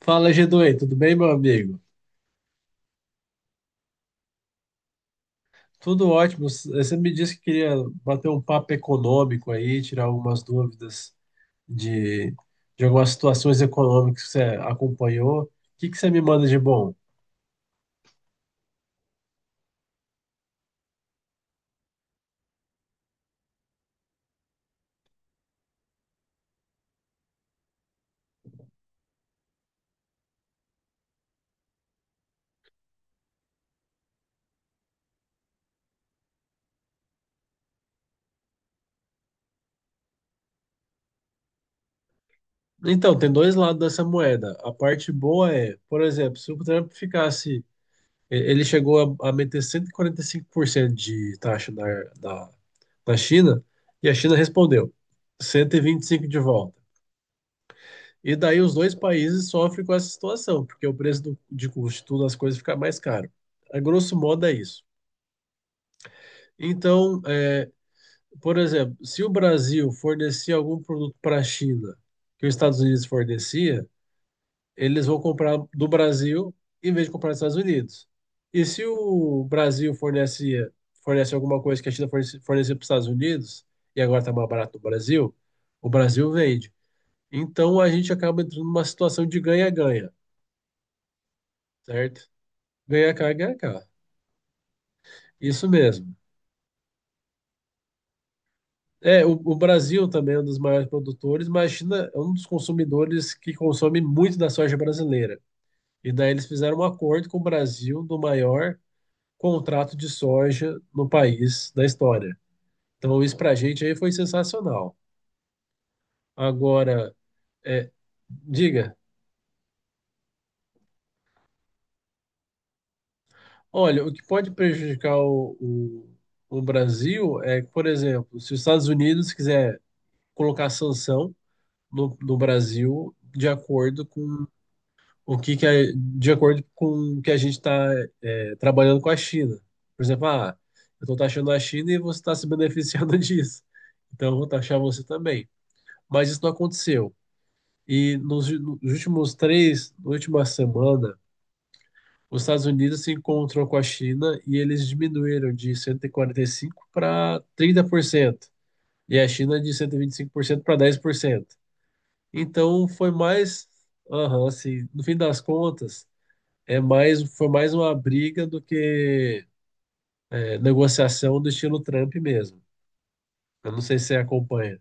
Fala, g tudo bem, meu amigo? Tudo ótimo. Você me disse que queria bater um papo econômico aí, tirar algumas dúvidas de, de algumas situações econômicas que você acompanhou. O que que você me manda de bom? Então, tem dois lados dessa moeda. A parte boa é, por exemplo, se o Trump ficasse, e- ele chegou a meter 145% de taxa na, na China, e a China respondeu 125 de volta. E daí os dois países sofrem com essa situação, porque o preço de custo de tudo as coisas fica mais caro. A grosso modo é isso. Então, por exemplo, se o Brasil fornecer algum produto para a China que os Estados Unidos fornecia, eles vão comprar do Brasil em vez de comprar dos Estados Unidos. E se o Brasil fornece alguma coisa que a China fornece fornecia para os Estados Unidos, e agora está mais barato do Brasil, o Brasil vende. Então a gente acaba entrando numa situação de ganha-ganha, certo? Ganha cá, ganha cá. Isso mesmo. É, o Brasil também é um dos maiores produtores, mas a China é um dos consumidores que consome muito da soja brasileira. E daí eles fizeram um acordo com o Brasil do maior contrato de soja no país da história. Então isso pra gente aí foi sensacional. Agora, é, diga, olha, o que pode prejudicar o Brasil é, por exemplo, se os Estados Unidos quiser colocar sanção no Brasil de acordo com o que que é de acordo com o que a gente está trabalhando com a China. Por exemplo, ah, eu estou taxando a China e você está se beneficiando disso. Então eu vou taxar você também. Mas isso não aconteceu. E nos na última semana, os Estados Unidos se encontrou com a China e eles diminuíram de 145 para 30%. E a China de 125% para 10%. Então aham, assim, no fim das contas, foi mais uma briga do que negociação do estilo Trump mesmo. Eu não sei se você acompanha.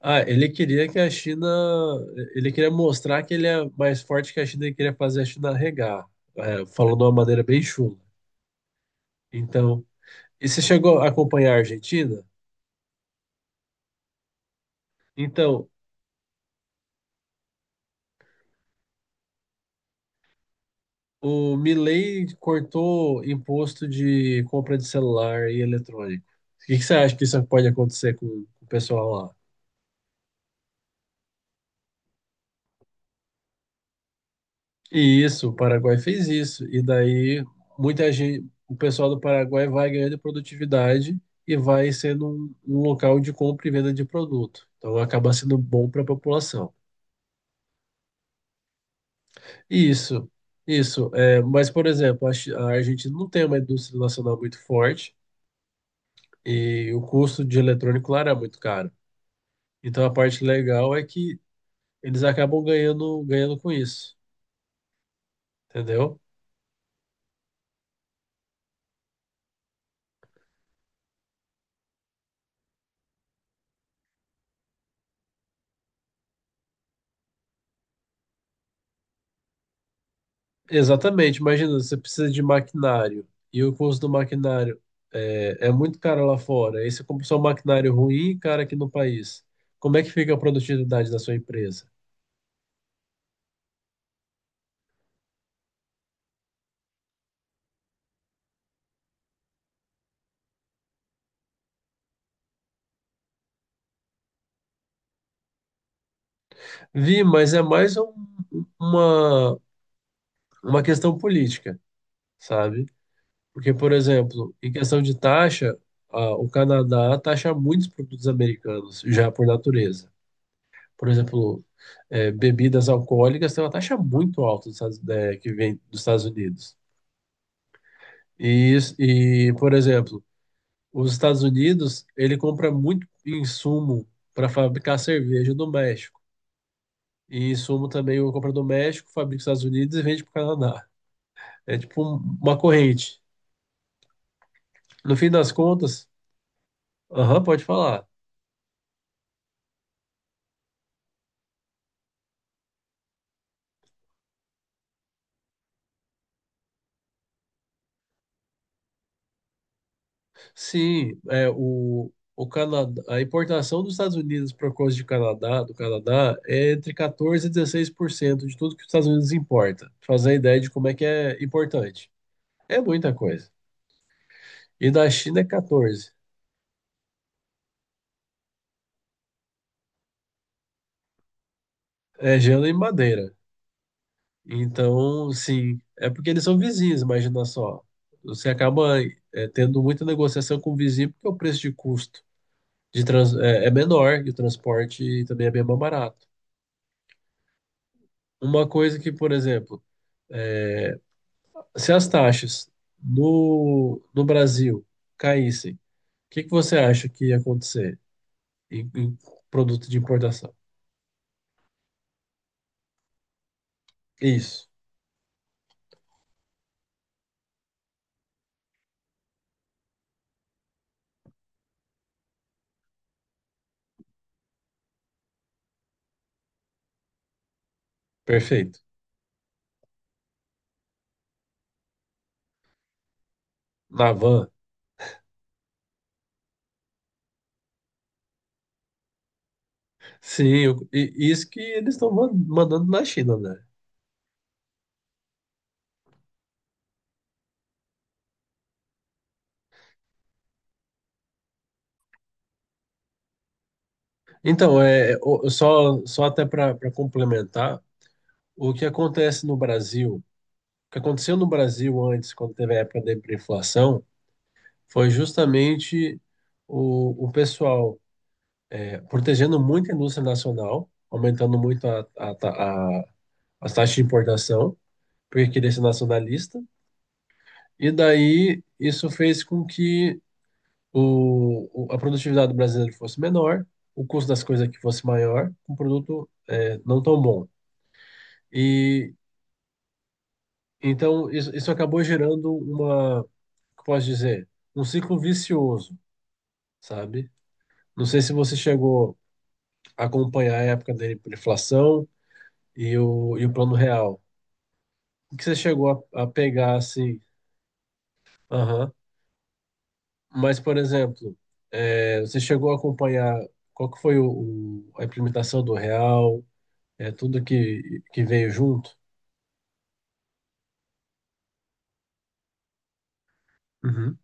Ah, ele queria ele queria mostrar que ele é mais forte que a China e queria fazer a China regar, falando de uma maneira bem chula. Então, e você chegou a acompanhar a Argentina? Então, o Milei cortou imposto de compra de celular e eletrônico. O que que você acha que isso pode acontecer com o pessoal lá? E isso, o Paraguai fez isso. E daí muita gente, o pessoal do Paraguai vai ganhando produtividade e vai sendo um local de compra e venda de produto. Então acaba sendo bom para a população. Isso, isso. É, mas, por exemplo, a Argentina não tem uma indústria nacional muito forte e o custo de eletrônico lá era muito caro. Então a parte legal é que eles acabam ganhando, ganhando com isso, entendeu? Exatamente, imagina, você precisa de maquinário e o custo do maquinário é muito caro lá fora. Aí você compra só um maquinário ruim e caro aqui no país. Como é que fica a produtividade da sua empresa? Vi, mas é mais uma, uma questão política, sabe? Porque, por exemplo, em questão de taxa, ah, o Canadá taxa muitos produtos americanos, já por natureza. Por exemplo, bebidas alcoólicas tem uma taxa muito alta dos que vem dos Estados Unidos. Por exemplo, os Estados Unidos, ele compra muito insumo para fabricar cerveja do México. E insumo também o compra do México, fabrica nos Estados Unidos e vende para o Canadá. É tipo uma corrente. No fim das contas, aham, pode falar. Sim, é, o Canadá, a importação dos Estados Unidos para coisa de Canadá, do Canadá é entre 14 e 16% de tudo que os Estados Unidos importa. Pra fazer a ideia de como é que é importante. É muita coisa. E da China é 14. É gelo e madeira. Então, sim, é porque eles são vizinhos, imagina só. Você acaba tendo muita negociação com o vizinho porque o preço de custo é menor e o transporte também é bem mais barato. Uma coisa que, por exemplo, se as taxas no do Brasil caíssem, o que que você acha que ia acontecer em, em produto de importação? Isso, perfeito. Na van. Sim, eu- e- isso que eles estão mandando na China, né? Então, só até para complementar, o que acontece no Brasil, o que aconteceu no Brasil antes, quando teve a época da hiperinflação, foi justamente o pessoal é, protegendo muito a indústria nacional, aumentando muito a- as taxas de importação, porque queria ser nacionalista. E daí isso fez com que a produtividade do brasileiro fosse menor, o custo das coisas aqui fosse maior, um produto não tão bom. E então isso acabou gerando uma, como posso dizer, um ciclo vicioso, sabe? Não sei se você chegou a acompanhar a época da inflação e e o plano real. Que você chegou a pegar assim. Aham. Mas, por exemplo, você chegou a acompanhar qual que foi a implementação do real, tudo que veio junto? Uhum.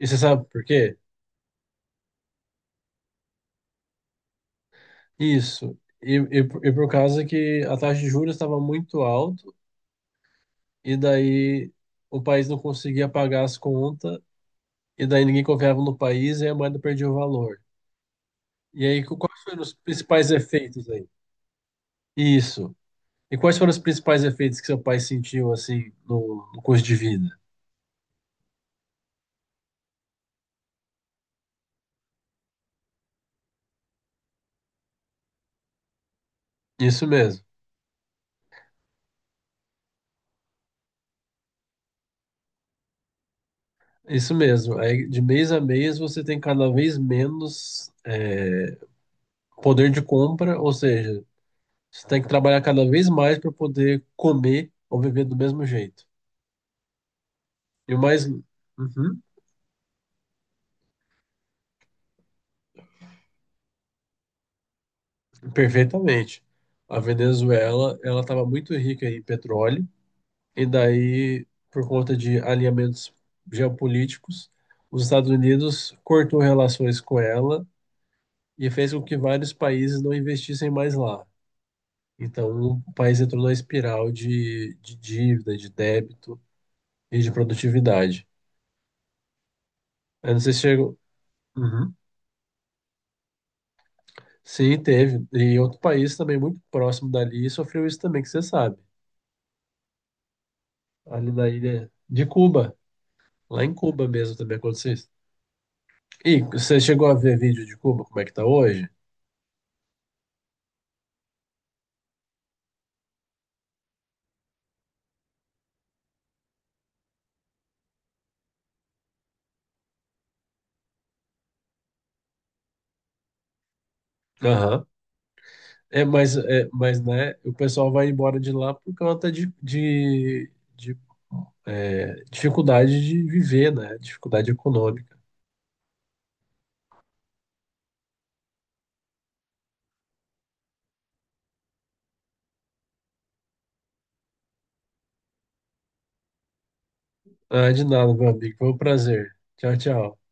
E você sabe por quê? Isso. E por causa que a taxa de juros estava muito alta, e daí o país não conseguia pagar as contas, e daí ninguém confiava no país e a moeda perdia o valor. E aí, quais foram os principais efeitos aí? Isso. E quais foram os principais efeitos que seu pai sentiu assim no curso de vida? Isso mesmo, isso mesmo. Aí, de mês a mês você tem cada vez menos poder de compra, ou seja, você tem que trabalhar cada vez mais para poder comer ou viver do mesmo jeito. E o mais. Uhum, perfeitamente. A Venezuela, ela estava muito rica em petróleo, e daí, por conta de alinhamentos geopolíticos, os Estados Unidos cortou relações com ela e fez com que vários países não investissem mais lá. Então, o país entrou numa espiral de dívida, de débito e de produtividade. Eu não sei se chegou. Uhum. Sim, teve. E outro país também muito próximo dali sofreu isso também, que você sabe. Ali na ilha de Cuba. Lá em Cuba mesmo também aconteceu isso. E você chegou a ver vídeo de Cuba, como é que tá hoje? Aham. É, mas, né, o pessoal vai embora de lá por conta de dificuldade de viver, né? Dificuldade econômica. Ah, de nada, meu amigo. Foi um prazer. Tchau, tchau.